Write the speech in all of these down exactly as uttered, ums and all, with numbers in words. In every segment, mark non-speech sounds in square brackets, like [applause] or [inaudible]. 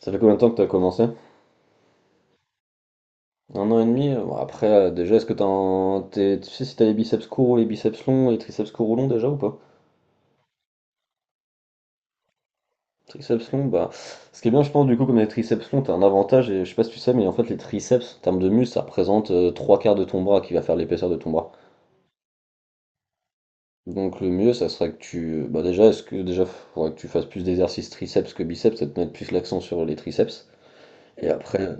Ça fait combien de temps que t'as commencé? Un an et demi? Bon, après, euh, déjà, est-ce que t'as un- t'es- tu sais si t'as les biceps courts ou les biceps longs et les triceps courts ou longs déjà ou pas? Triceps longs, bah. Ce qui est bien, je pense, du coup, comme les triceps longs, t'as un avantage, et je sais pas si tu sais, mais en fait, les triceps, en termes de muscle, ça représente euh, trois quarts de ton bras qui va faire l'épaisseur de ton bras. Donc, le mieux, ça serait que tu. Bah, déjà, est-ce que déjà, faudrait que tu fasses plus d'exercices triceps que biceps, ça te mettre plus l'accent sur les triceps. Et après.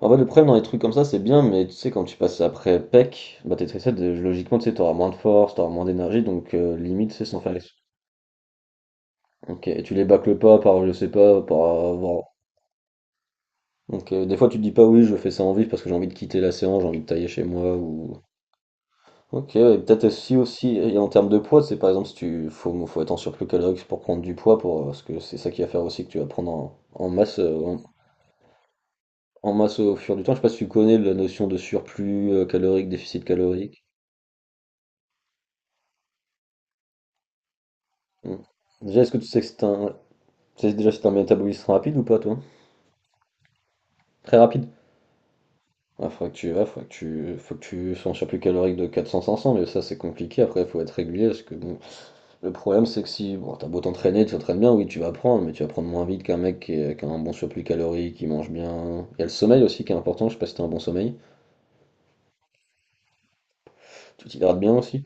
En fait, le problème dans les trucs comme ça, c'est bien, mais tu sais, quand tu passes après P E C, bah t'es stressé, de- logiquement, tu sais, t'auras moins de force, t'auras moins d'énergie, donc euh, limite, c'est sans faire les... Ok, et tu les bâcles pas par, je sais pas, par avoir... Donc euh, des fois, tu te dis pas, oui, je fais ça en vif parce que j'ai envie de quitter la séance, j'ai envie de tailler chez moi, ou... Ok, et peut-être aussi, aussi, et en termes de poids, c'est par exemple, si tu... Faut, faut être en surplus calorique pour prendre du poids, pour, euh, parce que c'est ça qui va faire aussi que tu vas prendre en, en masse... euh, en... en masse au fur du temps, je sais pas si tu connais la notion de surplus euh, calorique, déficit calorique. Hmm. Déjà, est-ce que tu sais que c'est un. Tu sais déjà si c'est un métabolisme rapide ou pas, toi? Très rapide? Ah, faudrait que tu vas, faudrait que tu. Faut que tu sois en surplus calorique de quatre cents cinq cents, mais ça, c'est compliqué. Après, faut être régulier, parce que bon. Le problème, c'est que si. Bon, t'as beau t'entraîner, tu t'entraînes bien, oui, tu vas prendre, mais tu vas prendre moins vite qu'un mec qui, est- qui a un bon surplus calorique, qui mange bien. Il y a le sommeil aussi qui est important, je sais pas si t'as un bon sommeil. Tu t'hydrates bien aussi.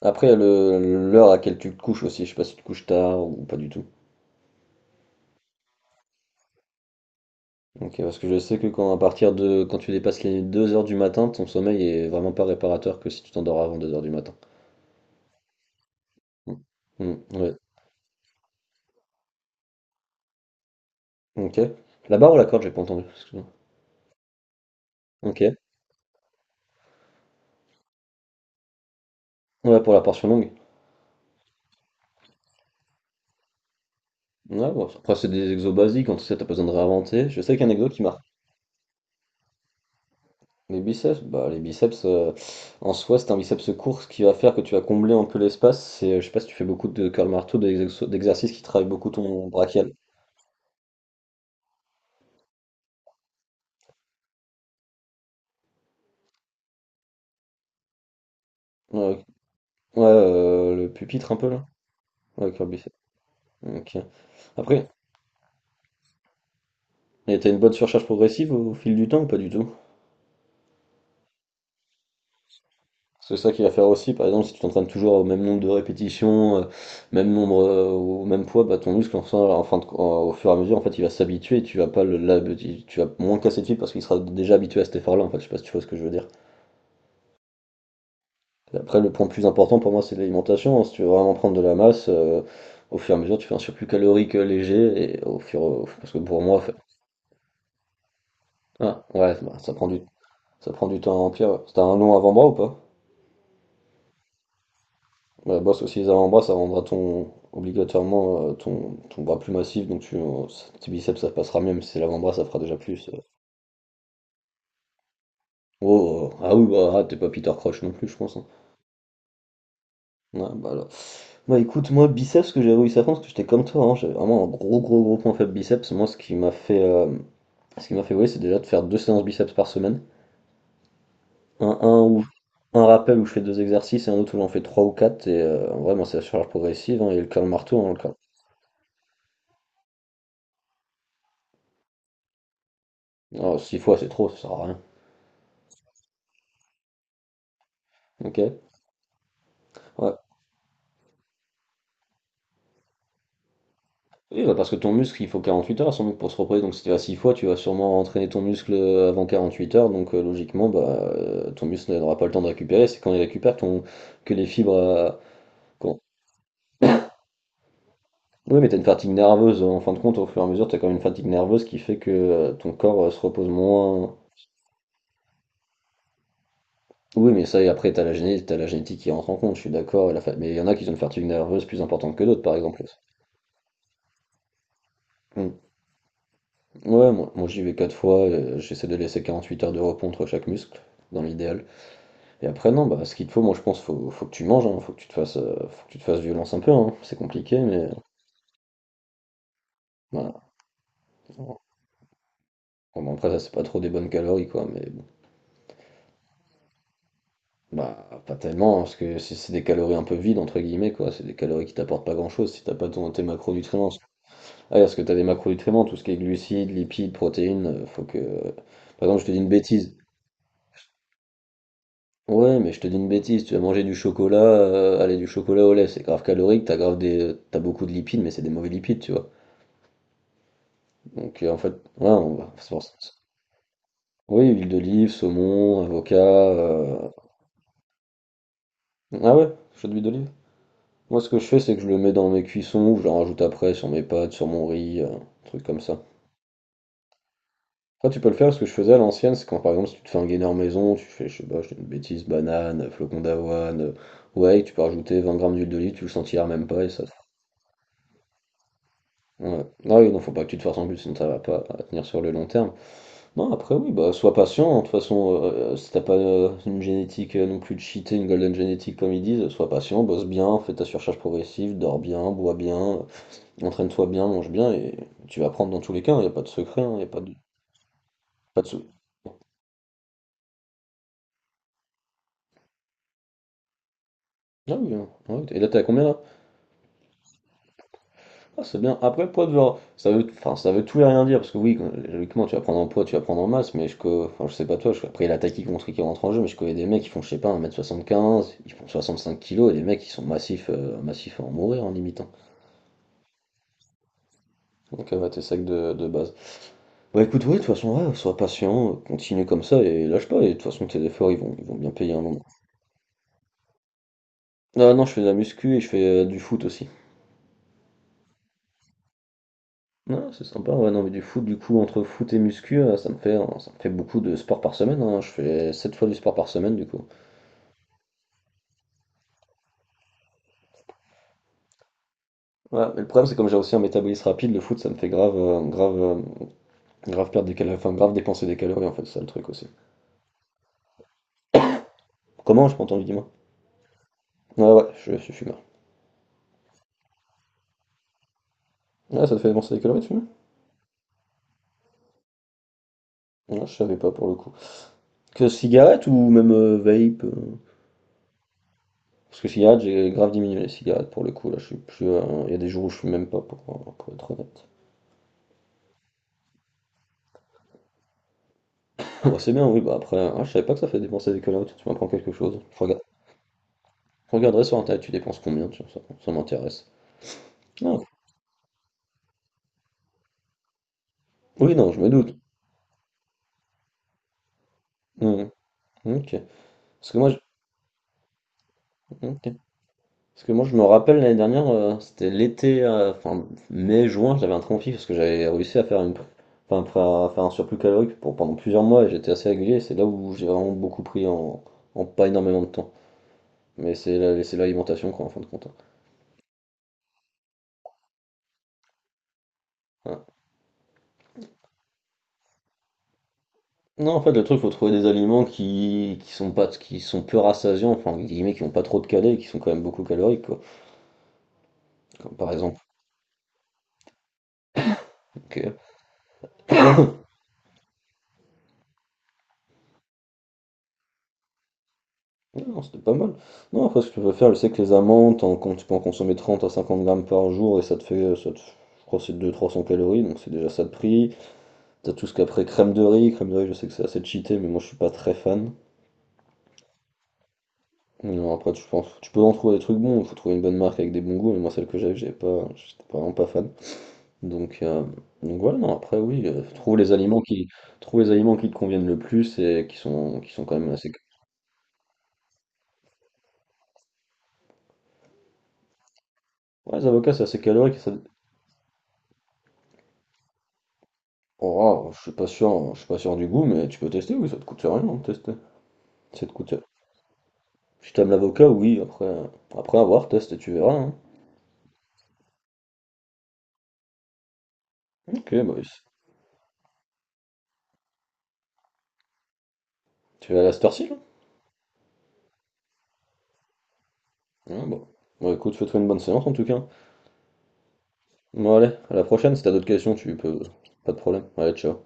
Après, il y a le l'heure à laquelle tu te couches aussi, je sais pas si tu te couches tard ou pas du tout. Ok, parce que je sais que quand à partir de quand tu dépasses les deux heures du matin, ton sommeil est vraiment pas réparateur que si tu t'endors avant deux heures du matin. Mm. Mm, ouais. Ok. La barre ou la corde, j'ai pas entendu. Excuse-moi. Ok. Ouais, pour la portion longue. Ouais, bon, après c'est des exos basiques, en tout cas t'as pas besoin de réinventer. Je sais qu'un exo qui marque les biceps, bah les biceps euh, en soi c'est un biceps court, ce qui va faire que tu vas combler un peu l'espace. C'est, euh, je sais pas si tu fais beaucoup de curl marteau, des exo- d'exercices qui travaillent beaucoup ton brachial. Ouais, ouais, ouais, euh, le pupitre un peu là. Ouais, curl biceps. Ok. Après, et t'as une bonne surcharge progressive au fil du temps ou pas du tout? C'est ça qui va faire aussi, par exemple, si tu t'entraînes toujours au même nombre de répétitions, euh, même nombre, euh, au même poids, bah, ton muscle, en fin- en fin de- en- au fur et à mesure, en fait, il va s'habituer et tu vas pas le, la- tu tu vas moins le casser de fil parce qu'il sera déjà habitué à cet effort-là, en fait, je sais pas si tu vois ce que je veux dire. Après, le point le plus important pour moi, c'est l'alimentation, hein. Si tu veux vraiment prendre de la masse, euh, au fur et à mesure, tu fais un surplus calorique euh, léger et au fur, au- parce que pour moi, fa- Ah, ouais, bah, ça prend du, ça prend du temps à remplir. T'as un long avant-bras ou pas? Ouais, bosse aussi les avant-bras, ça rendra ton obligatoirement euh, ton, ton bras plus massif, donc tu, euh, tes biceps ça passera mieux, mais si c'est l'avant-bras ça fera déjà plus, euh. Oh, euh, ah oui, bah ah, t'es pas Peter Crouch non plus, je pense, hein. Ouais, bah, là. Bah écoute, moi biceps, ce que j'ai réussi à faire, parce que j'étais comme toi, hein, j'avais vraiment un gros gros gros point faible biceps. Moi, ce qui m'a fait, euh, ce qui m'a fait, ouais, c'est déjà de faire deux séances biceps par semaine. Un, un où un rappel où je fais deux exercices et un autre où j'en fais trois ou quatre. Et euh, en vrai, moi, c'est la charge progressive hein, et le curl marteau. Hein, le curl. Alors, six fois, c'est trop, ça sert à rien. Ok. Ouais. Oui, bah parce que ton muscle, il faut quarante-huit heures à son muscle pour se reposer. Donc si tu vas six fois, tu vas sûrement entraîner ton muscle avant quarante-huit heures. Donc euh, logiquement, bah, euh, ton muscle n'aura pas le temps de récupérer. C'est quand il récupère ton... que les fibres... euh, quand- Oui, mais tu as une fatigue nerveuse, hein. En fin de compte, au fur et à mesure, tu as quand même une fatigue nerveuse qui fait que euh, ton corps euh, se repose moins. Oui, mais ça, et après, tu as la génétique, t'as la génétique qui rentre en compte, je suis d'accord, et la fa- mais il y en a qui ont une fatigue nerveuse plus importante que d'autres, par exemple. Mm. Ouais, moi, moi, j'y vais quatre fois, euh, J'essaie de laisser quarante-huit heures de repos entre chaque muscle, dans l'idéal. Et après, non, bah, ce qu'il te faut, moi je pense, faut, faut que tu manges, hein, faut que tu te fasses, euh, faut que tu te fasses violence un peu, hein. C'est compliqué, mais voilà. Bon, bah, après, ça, c'est pas trop des bonnes calories, quoi, mais bon, bah, pas tellement, hein, parce que c'est c'est des calories un peu vides, entre guillemets, quoi. C'est des calories qui t'apportent pas grand-chose si t'as pas ton, tes macronutriments. Ah, parce que t'as des macronutriments, tout ce qui est glucides, lipides, protéines, euh, faut que. Par exemple, je te dis une bêtise. Ouais, mais je te dis une bêtise, tu vas manger du chocolat, euh, allez, du chocolat au lait, c'est grave calorique, t'as grave des, t'as beaucoup de lipides, mais c'est des mauvais lipides, tu vois. Donc euh, en fait, ouais, on va- c'est pour ça. Oui, huile d'olive, saumon, avocat, euh, ah ouais, chaud d'huile d'olive. Moi, ce que je fais, c'est que je le mets dans mes cuissons ou je le rajoute après sur mes pâtes, sur mon riz, euh, truc comme ça. Après, tu peux le faire. Ce que je faisais à l'ancienne, c'est quand par exemple, si tu te fais un gainer maison, tu fais, je sais pas, je dis une bêtise, banane, flocon d'avoine, euh, ouais, tu peux rajouter vingt grammes d'huile d'olive, tu le sentiras même pas et ça. te- Ouais. Ah oui, non, faut pas que tu te forces en plus, sinon ça va pas tenir sur le long terme. Non, après, oui, bah, sois patient, hein. De toute façon, euh, euh, si t'as pas euh, une génétique euh, non plus cheatée, une golden génétique comme ils disent, sois patient, bosse bien, fais ta surcharge progressive, dors bien, bois bien, euh, entraîne-toi bien, mange bien, et tu vas prendre dans tous les cas, il n'y a pas de secret, il n'y a pas de, pas de sou- Ah oui, hein. Ouais, et là, t'es à combien là? Ah, c'est bien. Après, poids de genre, ça veut, enfin, ça veut tout et rien dire, parce que oui, quand- logiquement, tu vas prendre en poids, tu vas prendre en masse, mais je, co- enfin, je sais pas toi, je- après, il y a la taille qui compte, qui rentre en jeu, mais je connais des mecs qui font, je sais pas, un mètre soixante quinze, ils font soixante cinq kilos et des mecs qui sont massifs, euh, massifs à en mourir, en limitant. Donc, euh, ouais, tes sacs de, de base. Bah écoute, oui, de toute façon, ouais, sois patient, euh, continue comme ça, et lâche pas, et de toute façon, tes efforts, ils vont, ils vont bien payer un moment. Ah non, je fais de la muscu, et je fais euh, du foot aussi. Non, c'est sympa, ouais, non, mais du foot, du coup, entre foot et muscu, euh, ça me fait, euh, ça me fait beaucoup de sport par semaine, hein. Je fais sept fois du sport par semaine, du coup. Ouais, mais le problème, c'est comme j'ai aussi un métabolisme rapide, le foot, ça me fait grave, euh, grave, euh, grave perdre des calories, enfin, grave dépenser des calories, en fait, c'est ça le truc aussi. Comment, je m'entends, dis-moi. Ouais, ouais, je suis fumeur. Ouais, ça te fait dépenser des calories, de fumer? Ouais, je savais pas, pour le coup. Que cigarette ou même euh, vape? euh, Parce que cigarette, j'ai grave diminué les cigarettes, pour le coup, là, je suis plus, euh, il y a des jours où je fume même pas, pour, pour être honnête. Ah bah, c'est bien, oui, bah après, ah, je savais pas que ça fait dépenser des calories, tu m'apprends quelque chose. Je regarde, je regarderai sur internet, tu dépenses combien, tiens, ça, ça m'intéresse. Ah, oui, non, je me doute. Hmm, ok. Parce que moi, je... ok. Parce que moi, je me rappelle l'année dernière, euh, c'était l'été, euh, enfin, mai-juin, j'avais un conflit parce que j'avais réussi à faire une... enfin, à faire un surplus calorique pour pendant plusieurs mois et j'étais assez régulier, c'est là où j'ai vraiment beaucoup pris en... en pas énormément de temps. Mais c'est la- c'est l'alimentation, quoi, en fin de compte, hein. Ouais. Non, en fait, le truc, faut trouver des aliments qui, qui sont pas, qui sont peu rassasiants, enfin, entre guillemets, qui ont pas trop de calais, qui sont quand même beaucoup caloriques, quoi. Comme par exemple, ok. [coughs] Non, c'était pas mal. Non, après, ce que tu peux faire, je sais que les amandes, t'en- quand tu peux en consommer trente à cinquante grammes par jour, et ça te fait, ça te- je crois, que c'est deux trois cents calories, donc c'est déjà ça de prix. T'as tout ce qu'après, crème de riz, crème de riz, je sais que c'est assez cheaté, mais moi, je suis pas très fan. Non, après, tu penses, tu peux en trouver des trucs bons, faut trouver une bonne marque avec des bons goûts, mais moi, celle que j'avais, j'avais pas, j'étais pas vraiment pas fan. Donc, euh, donc voilà, non, après oui, euh, trouve les aliments qui, trouve les aliments qui te conviennent le plus et qui sont, qui sont quand même assez. Ouais, les avocats, c'est assez calorique. Ça... Oh, ah, je suis pas sûr, je suis pas sûr du goût, mais tu peux tester, oui, ça te coûte rien de tester. Ça te coûte. Si t'aimes l'avocat, oui, après, après avoir, teste et tu verras, hein. Ok, bah, tu vas à la cette heure-ci, là? Ah, bon. Bon, écoute, fais-toi une bonne séance en tout cas. Bon, allez, à la prochaine, si t'as d'autres questions, tu peux. Pas de problème. Allez, ciao.